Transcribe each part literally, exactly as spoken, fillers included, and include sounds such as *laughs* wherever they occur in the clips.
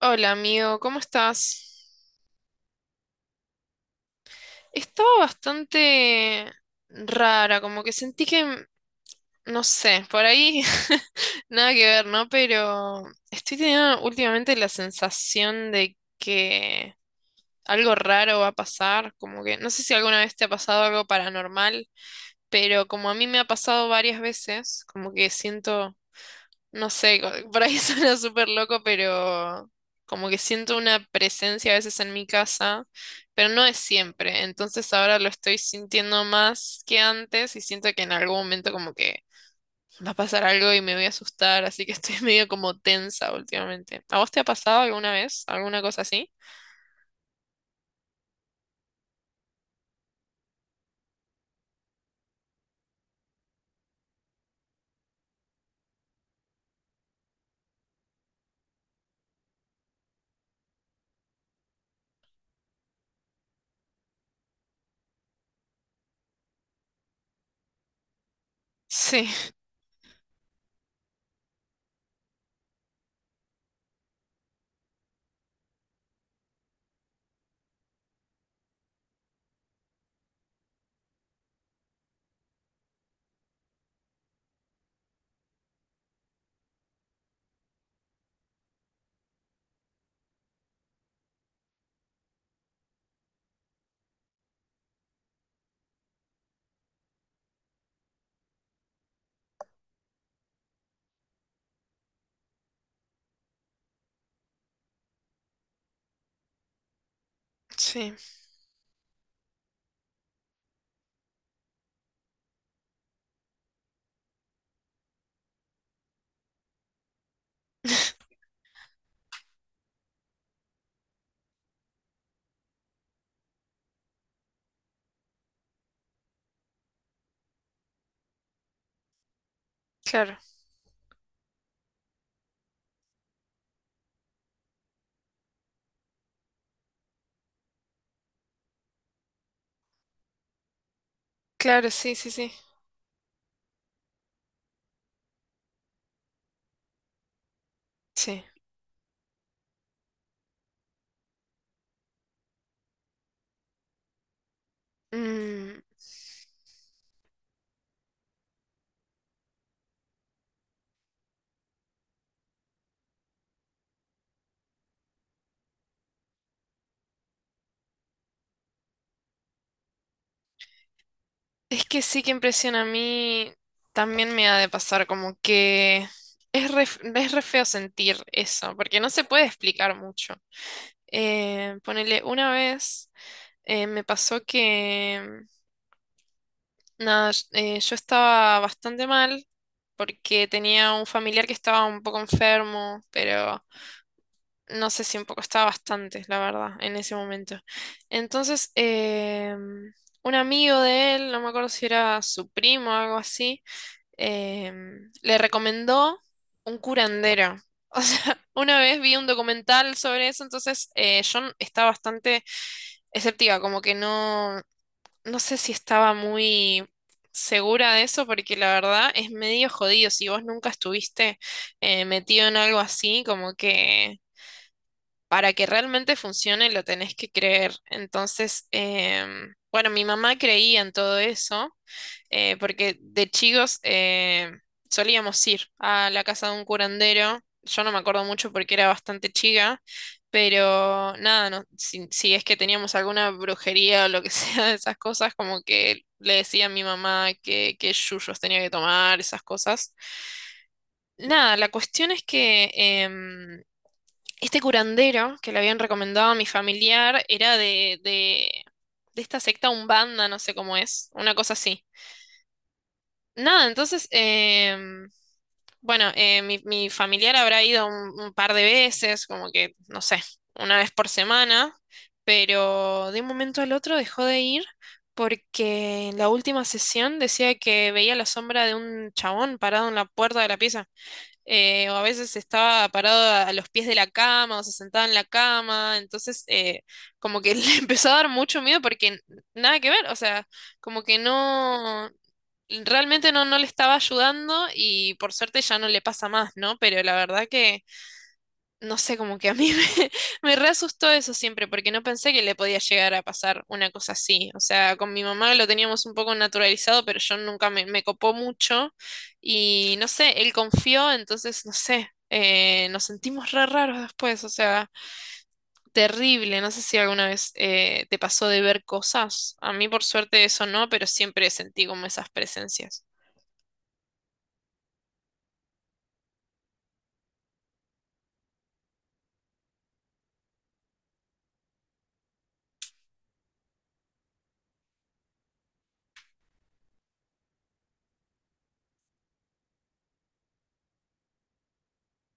Hola amigo, ¿cómo estás? Estaba bastante rara, como que sentí que, m- no sé, por ahí *laughs* nada que ver, ¿no? Pero estoy teniendo últimamente la sensación de que algo raro va a pasar, como que no sé si alguna vez te ha pasado algo paranormal, pero como a mí me ha pasado varias veces, como que siento. No sé, co- por ahí *laughs* suena súper loco, pero como que siento una presencia a veces en mi casa, pero no es siempre. Entonces ahora lo estoy sintiendo más que antes y siento que en algún momento como que va a pasar algo y me voy a asustar, así que estoy *laughs* medio como tensa últimamente. ¿A vos te ha pasado alguna vez alguna cosa así? Sí, sí, *laughs* claro, claro, sí, sí, sí, sí. Mm. Es que sí que impresiona a mí, también me ha de pasar como que es re, es re feo sentir eso, porque no se puede explicar mucho. Eh, ponele, una vez eh, me pasó que, nada, sh- eh, yo estaba bastante mal porque tenía un familiar que estaba un poco enfermo, pero no sé si un poco estaba bastante, la verdad, en ese momento. Entonces, em, un amigo de él, no me acuerdo si era su primo o algo así, em, le recomendó un curandero. O sea, *laughs* una vez vi un documental sobre eso, entonces eh, yo n- estaba bastante escéptica, como que no, no sé si estaba muy segura de eso, porque la verdad es medio jodido. Si vos nunca estuviste eh, metido en algo así, como que para que realmente funcione lo tenés que creer. Entonces, em, bueno, mi mamá creía en todo eso eh, porque de chicos eh, solíamos ir a la casa de un curandero. Yo no me acuerdo mucho porque era bastante chica, pero nada, no, si, si es que teníamos alguna brujería o lo que *laughs* sea de esas cosas, como que le decía a mi mamá que, que yuyos tenía que tomar, esas cosas. Nada, la cuestión es que em, este curandero que le habían recomendado a mi familiar era de, de, de esta secta Umbanda, no sé cómo es, una cosa así. Nada, entonces, em, bueno, eh, mi, mi familiar habrá ido un, un par de veces, como que, no sé, una vez por semana, pero de un momento al otro dejó de ir porque en la última sesión decía que veía la sombra de un chabón parado en la puerta de la pieza eh, o a veces estaba parado a, a los pies de la cama o se sentaba en la cama, entonces eh, como que *laughs* le empezó a dar mucho miedo porque nada que ver, o sea, como que no, realmente no, no le estaba ayudando y por suerte ya no le pasa más, ¿no? Pero la verdad que no sé, como que a mí me, *laughs* me re asustó eso siempre, porque no pensé que le podía llegar a pasar una cosa así. O sea, con mi mamá lo teníamos un poco naturalizado, pero yo nunca me, me copó mucho. Y no sé, él confió, entonces, no sé, eh, nos sentimos re raros después. O sea, terrible. No sé si alguna vez eh, te pasó de ver cosas. A mí, por suerte, eso no, pero siempre sentí como esas presencias.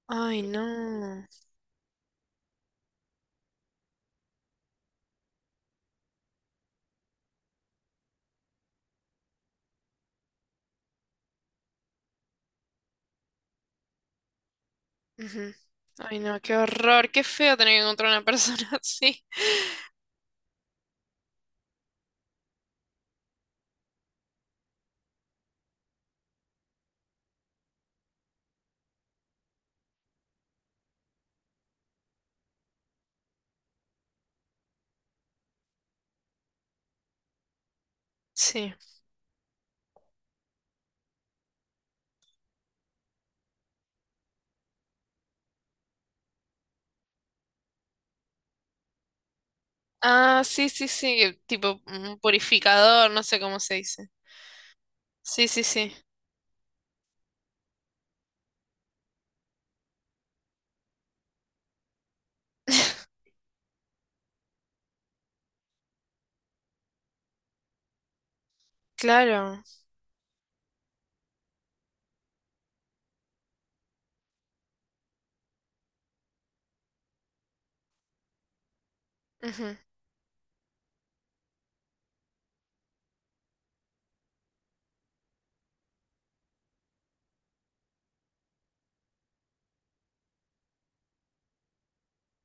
Ay, no. Ujú. Ay, no, qué horror, qué feo tener que encontrar una persona *laughs* así. Sí. Ah, sí, sí, sí, tipo un purificador, no sé cómo se dice. Sí, sí, sí. *laughs* Claro. Ujú.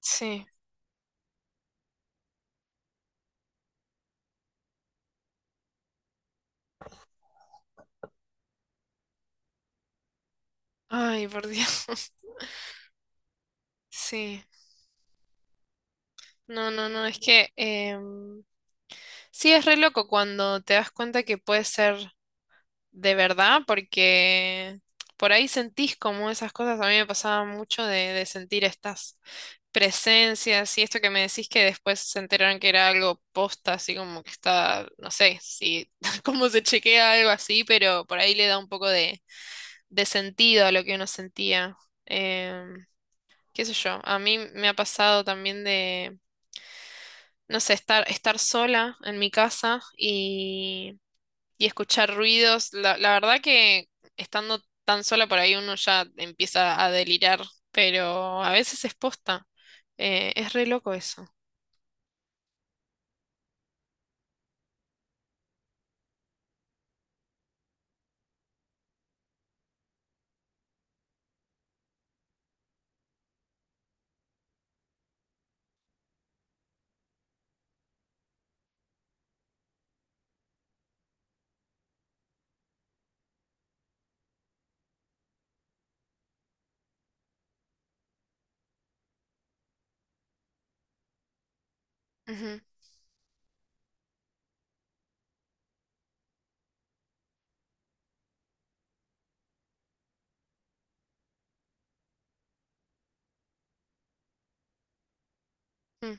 Sí. Ay, por Dios. *laughs* Sí. No, no, no, es que em, sí es re loco cuando te das cuenta que puede ser de verdad, porque por ahí sentís como esas cosas. A mí me pasaba mucho de, de sentir estas presencias y esto que me decís que después se enteraron que era algo posta, así como que está, no sé, si *laughs* cómo se chequea algo así, pero por ahí le da un poco de, de sentido a lo que uno sentía. Em, Qué sé yo, a mí me ha pasado también de, no sé, estar, estar sola en mi casa y, y escuchar ruidos. La, la verdad que estando tan sola por ahí uno ya empieza a delirar, pero a veces es posta. Eh, es re loco eso. Mm.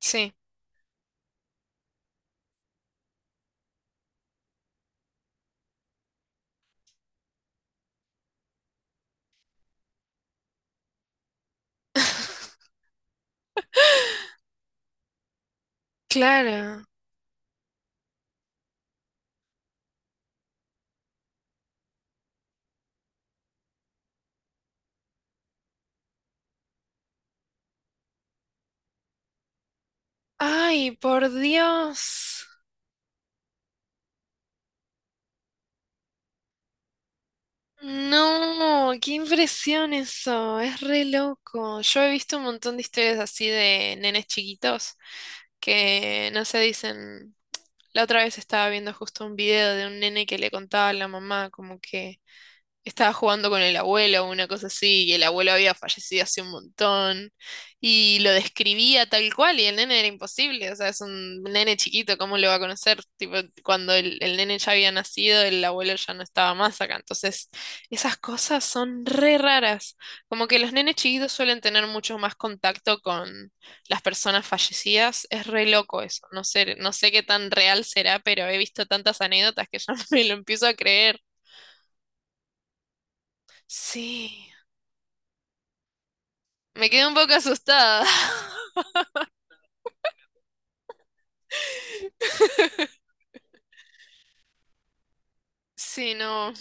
Sí, *laughs* claro. Ay, por Dios. No, qué impresión eso. Es re loco. Yo he visto un montón de historias así de nenes chiquitos que no se dicen. La otra vez estaba viendo justo un video de un nene que le contaba a la mamá como que estaba jugando con el abuelo o una cosa así, y el abuelo había fallecido hace un montón, y lo describía tal cual, y el nene era imposible, o sea, es un nene chiquito, ¿cómo lo va a conocer? Tipo, cuando el, el nene ya había nacido, el abuelo ya no estaba más acá, entonces esas cosas son re raras, como que los nenes chiquitos suelen tener mucho más contacto con las personas fallecidas, es re loco eso, no sé, no sé qué tan real será, pero he visto tantas anécdotas que ya *laughs* me lo empiezo a creer. Sí. Me quedé un poco asustada. *laughs* Sí, no.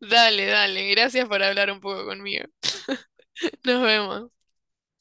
Dale, dale. Gracias por hablar un poco conmigo. Nos vemos.